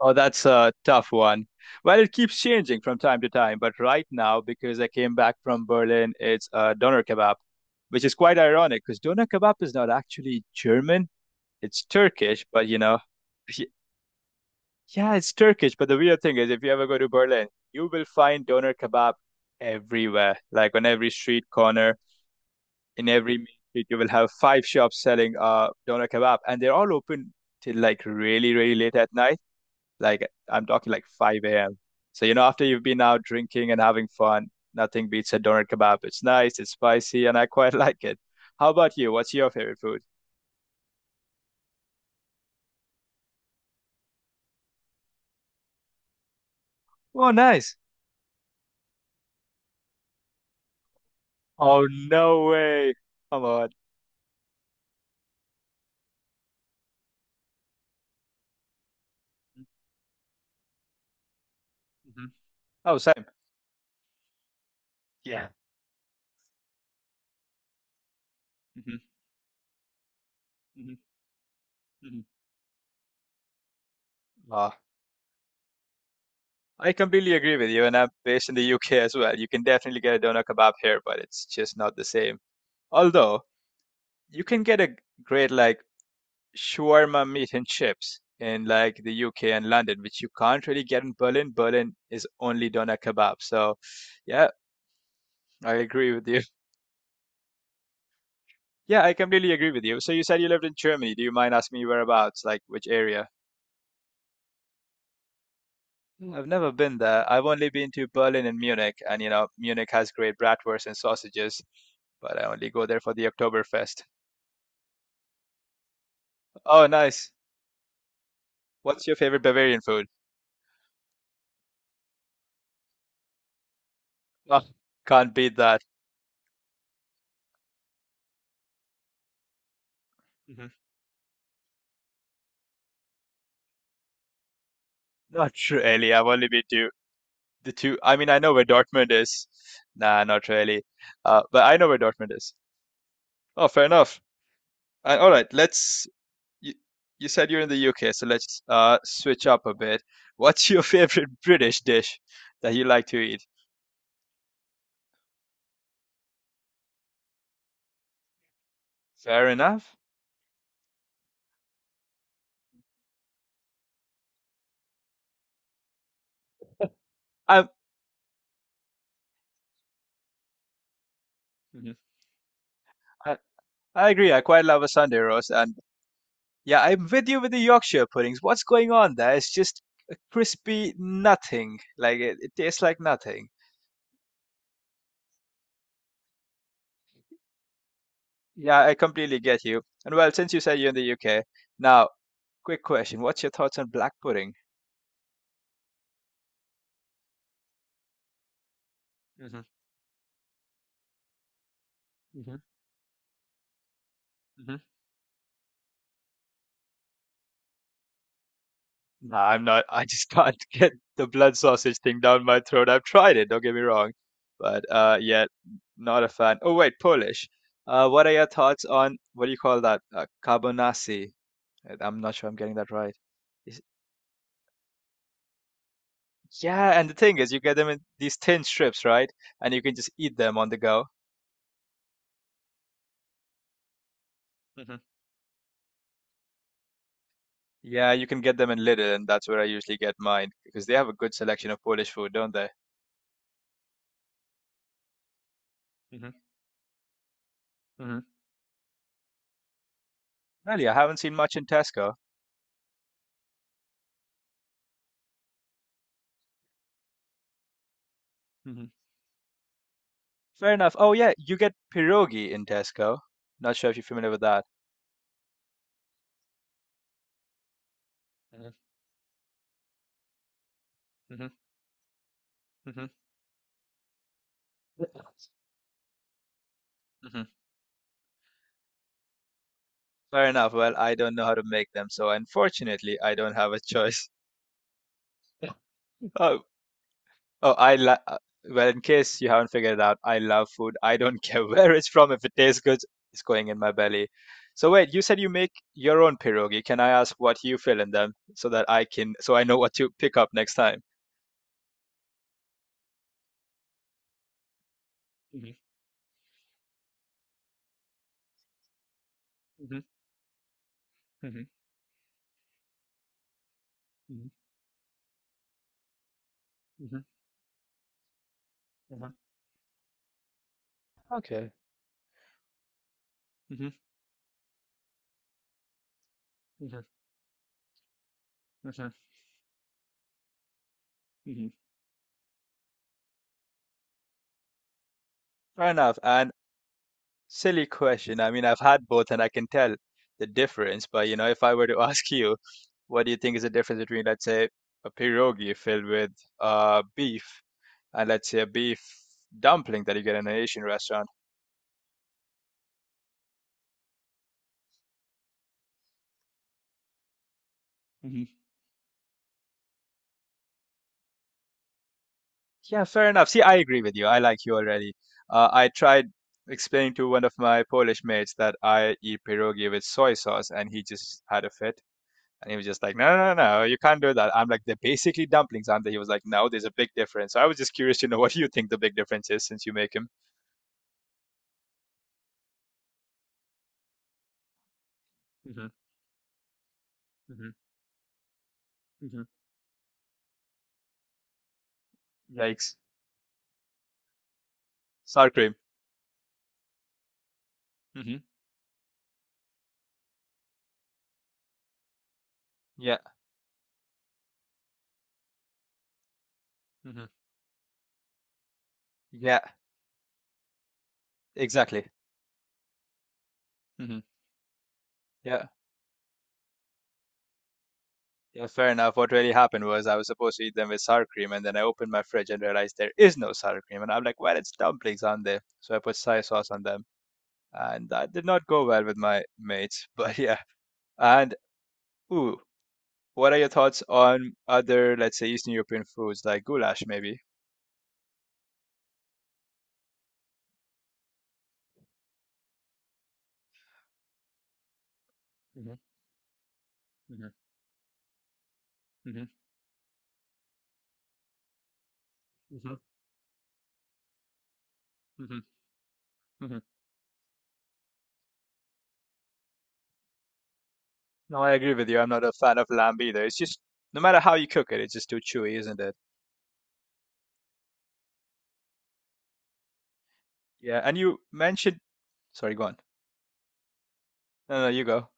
Oh, that's a tough one. Well, it keeps changing from time to time, but right now, because I came back from Berlin, it's doner kebab, which is quite ironic because doner kebab is not actually German. It's Turkish, but you know, y- yeah, it's Turkish. But the weird thing is, if you ever go to Berlin, you will find doner kebab everywhere, like on every street corner, in every main street, you will have 5 shops selling doner kebab, and they're all open till like really, really late at night. Like I'm talking like 5 a.m. So you know, after you've been out drinking and having fun, nothing beats a doner kebab. It's nice, it's spicy, and I quite like it. How about you? What's your favorite food? Oh, nice. Oh, no way. Come on. Hmm Oh, same. Yeah. hmm hmm hmm Uh, I completely agree with you, and I'm based in the UK as well. You can definitely get a doner kebab here, but it's just not the same. Although you can get a great like shawarma meat and chips in like the UK and London, which you can't really get in Berlin. Berlin is only doner kebab. So, yeah, I agree with you. Yeah, I completely agree with you. So you said you lived in Germany. Do you mind asking me whereabouts, like which area? Mm, I've never been there. I've only been to Berlin and Munich, and you know, Munich has great bratwurst and sausages, but I only go there for the Oktoberfest. Oh, nice. What's your favorite Bavarian food? Oh, can't beat that. Mhm. Not really. I've only been to the two. I mean, I know where Dortmund is. Nah, not really. But I know where Dortmund is. Oh, fair enough. All right, let's. You, you said you're in the UK, so let's switch up a bit. What's your favorite British dish that you like to eat? Fair enough. I, Mhm. I I agree. I quite love a Sunday roast, and yeah, I'm with you with the Yorkshire puddings. What's going on there? It's just a crispy nothing. It tastes like nothing. Yeah, I completely get you. And well, since you said you're in the UK, now quick question. What's your thoughts on black pudding? Hmm hmm hmm Nah, I'm not. I just can't get the blood sausage thing down my throat. I've tried it. Don't get me wrong, but yeah, not a fan. Oh wait, Polish. What are your thoughts on what do you call that? Carbonasi. I'm not sure I'm getting that right. Is- yeah, and the thing is, you get them in these thin strips, right? And you can just eat them on the go. Hmm Yeah, you can get them in Lidl, and that's where I usually get mine because they have a good selection of Polish food, don't they? Hmm Really, I haven't seen much in Tesco. Hmm Fair enough. Oh yeah, you get pierogi in Tesco. Not sure if you're familiar with that. Mm-hmm. hmm hmm Fair enough. Well, I don't know how to make them, so unfortunately, I don't have a choice. Oh, oh, I la well, in case you haven't figured it out, I love food. I don't care where it's from. If it tastes good, it's going in my belly. So wait, you said you make your own pierogi. Can I ask what you fill in them so that I can so I know what to pick up next time? Fair enough. And Silly question. I mean, I've had both and I can tell the difference, but you know, if I were to ask you, what do you think is the difference between, let's say, a pierogi filled with beef and let's say a beef dumpling that you get in an Asian restaurant? Yeah, fair enough. See, I agree with you. I like you already. I tried explaining to one of my Polish mates that I eat pierogi with soy sauce and he just had a fit. And he was just like, no, no, no, no, you can't do that. I'm like, they're basically dumplings, aren't they? He was like, no, there's a big difference. So I was just curious to know what you think the big difference is since you make him. Yikes. Sour cream. Mm. Yeah. hmm Yeah, exactly. hmm Yeah. Yeah, fair enough. What really happened was I was supposed to eat them with sour cream, and then I opened my fridge and realized there is no sour cream. And I'm like, well, it's dumplings, aren't they? So I put soy sauce on them. And that did not go well with my mates. But yeah. And, ooh, what are your thoughts on other, let's say, Eastern European foods like goulash, maybe? No, I agree with you. I'm not a fan of lamb either. It's just no matter how you cook it, it's just too chewy, isn't it? Yeah, and you mentioned, Sorry, go on. No, no, you go.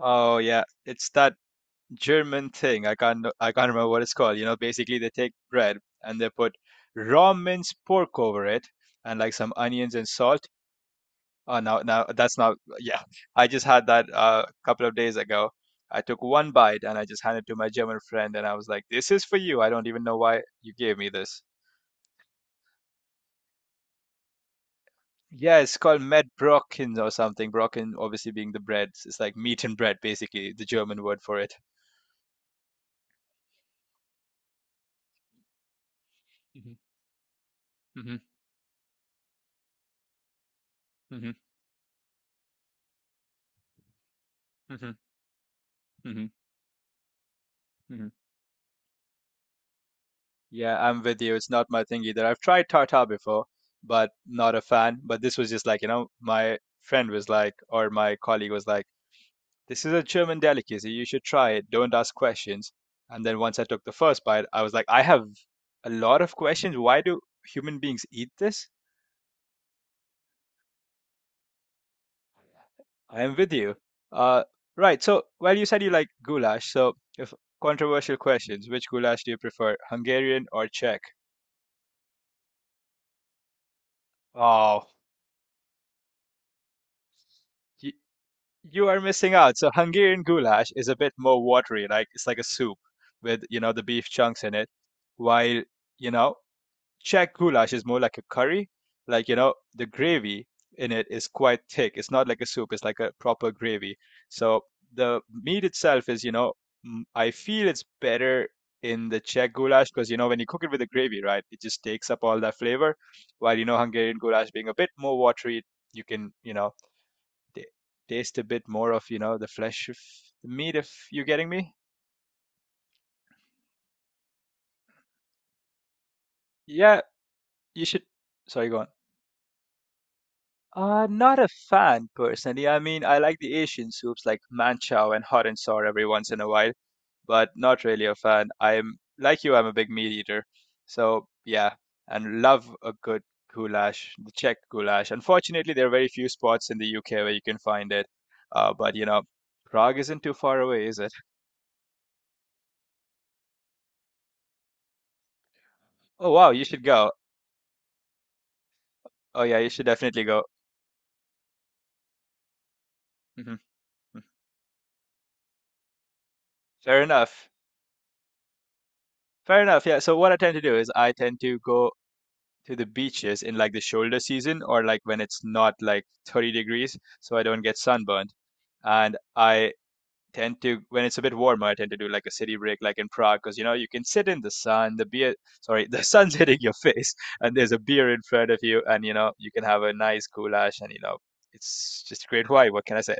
Oh yeah, it's that German thing. I can't remember what it's called. You know, basically they take bread and they put raw minced pork over it and like some onions and salt. Oh, no, no, that's not. Yeah, I just had that a couple of days ago. I took one bite and I just handed it to my German friend, and I was like, "This is for you. I don't even know why you gave me this." Yeah, it's called Medbrocken or something. Brocken, obviously being the bread, it's like meat and bread, basically the German word for it. Yeah, I'm with you. It's not my thing either. I've tried tartar before, but not a fan. But this was just like, you know, my friend was like, or my colleague was like, this is a German delicacy. You should try it. Don't ask questions. And then once I took the first bite, I was like, I have a lot of questions. Why do human beings eat this? I am with you. Uh, right. So, well, you said you like goulash. So, if controversial questions, which goulash do you prefer, Hungarian or Czech? Oh, you, you are missing out. So, Hungarian goulash is a bit more watery. Like it's like a soup with you know the beef chunks in it, while you know Czech goulash is more like a curry. Like, you know, the gravy in it is quite thick. It's not like a soup, it's like a proper gravy. So the meat itself is, you know, mm, I feel it's better in the Czech goulash because, you know, when you cook it with the gravy, right, it just takes up all that flavor. While, you know, Hungarian goulash being a bit more watery, you can, you know, t- taste a bit more of, you know, the flesh of the meat, if you're getting me. Yeah, you should. Sorry, go on. Not a fan personally. I mean, I like the Asian soups like manchow and hot and sour every once in a while, but not really a fan. I'm like you, I'm a big meat eater. So, yeah, and love a good goulash, the Czech goulash. Unfortunately, there are very few spots in the UK where you can find it. But you know, Prague isn't too far away, is it? Oh, wow, you should go. Oh, yeah, you should definitely go. Hmm Fair enough. Fair enough. Yeah. So what I tend to do is I tend to go to the beaches in like the shoulder season or like when it's not like 30 degrees so I don't get sunburned. And I tend to when it's a bit warmer, I tend to do like a city break like in Prague because you know you can sit in the sun, the beer sorry, the sun's hitting your face and there's a beer in front of you and you know you can have a nice goulash and you know it's just a great wine. What can I say?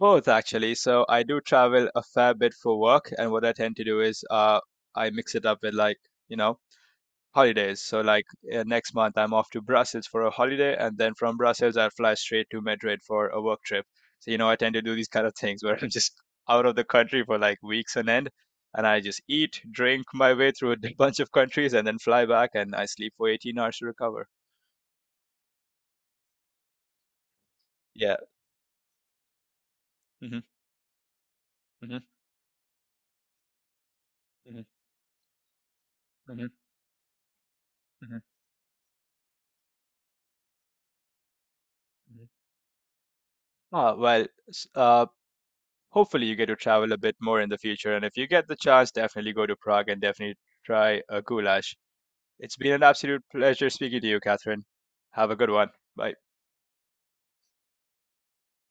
Both actually. So I do travel a fair bit for work and what I tend to do is I mix it up with like you know holidays. So like next month I'm off to Brussels for a holiday, and then from Brussels I fly straight to Madrid for a work trip. So you know I tend to do these kind of things where I'm just out of the country for like weeks on end, and I just eat, drink my way through a bunch of countries, and then fly back, and I sleep for 18 hours to recover. Yeah. Ah, well, s- uh, Hopefully you get to travel a bit more in the future, and if you get the chance, definitely go to Prague and definitely try a goulash. It's been an absolute pleasure speaking to you, Catherine. Have a good one. Bye.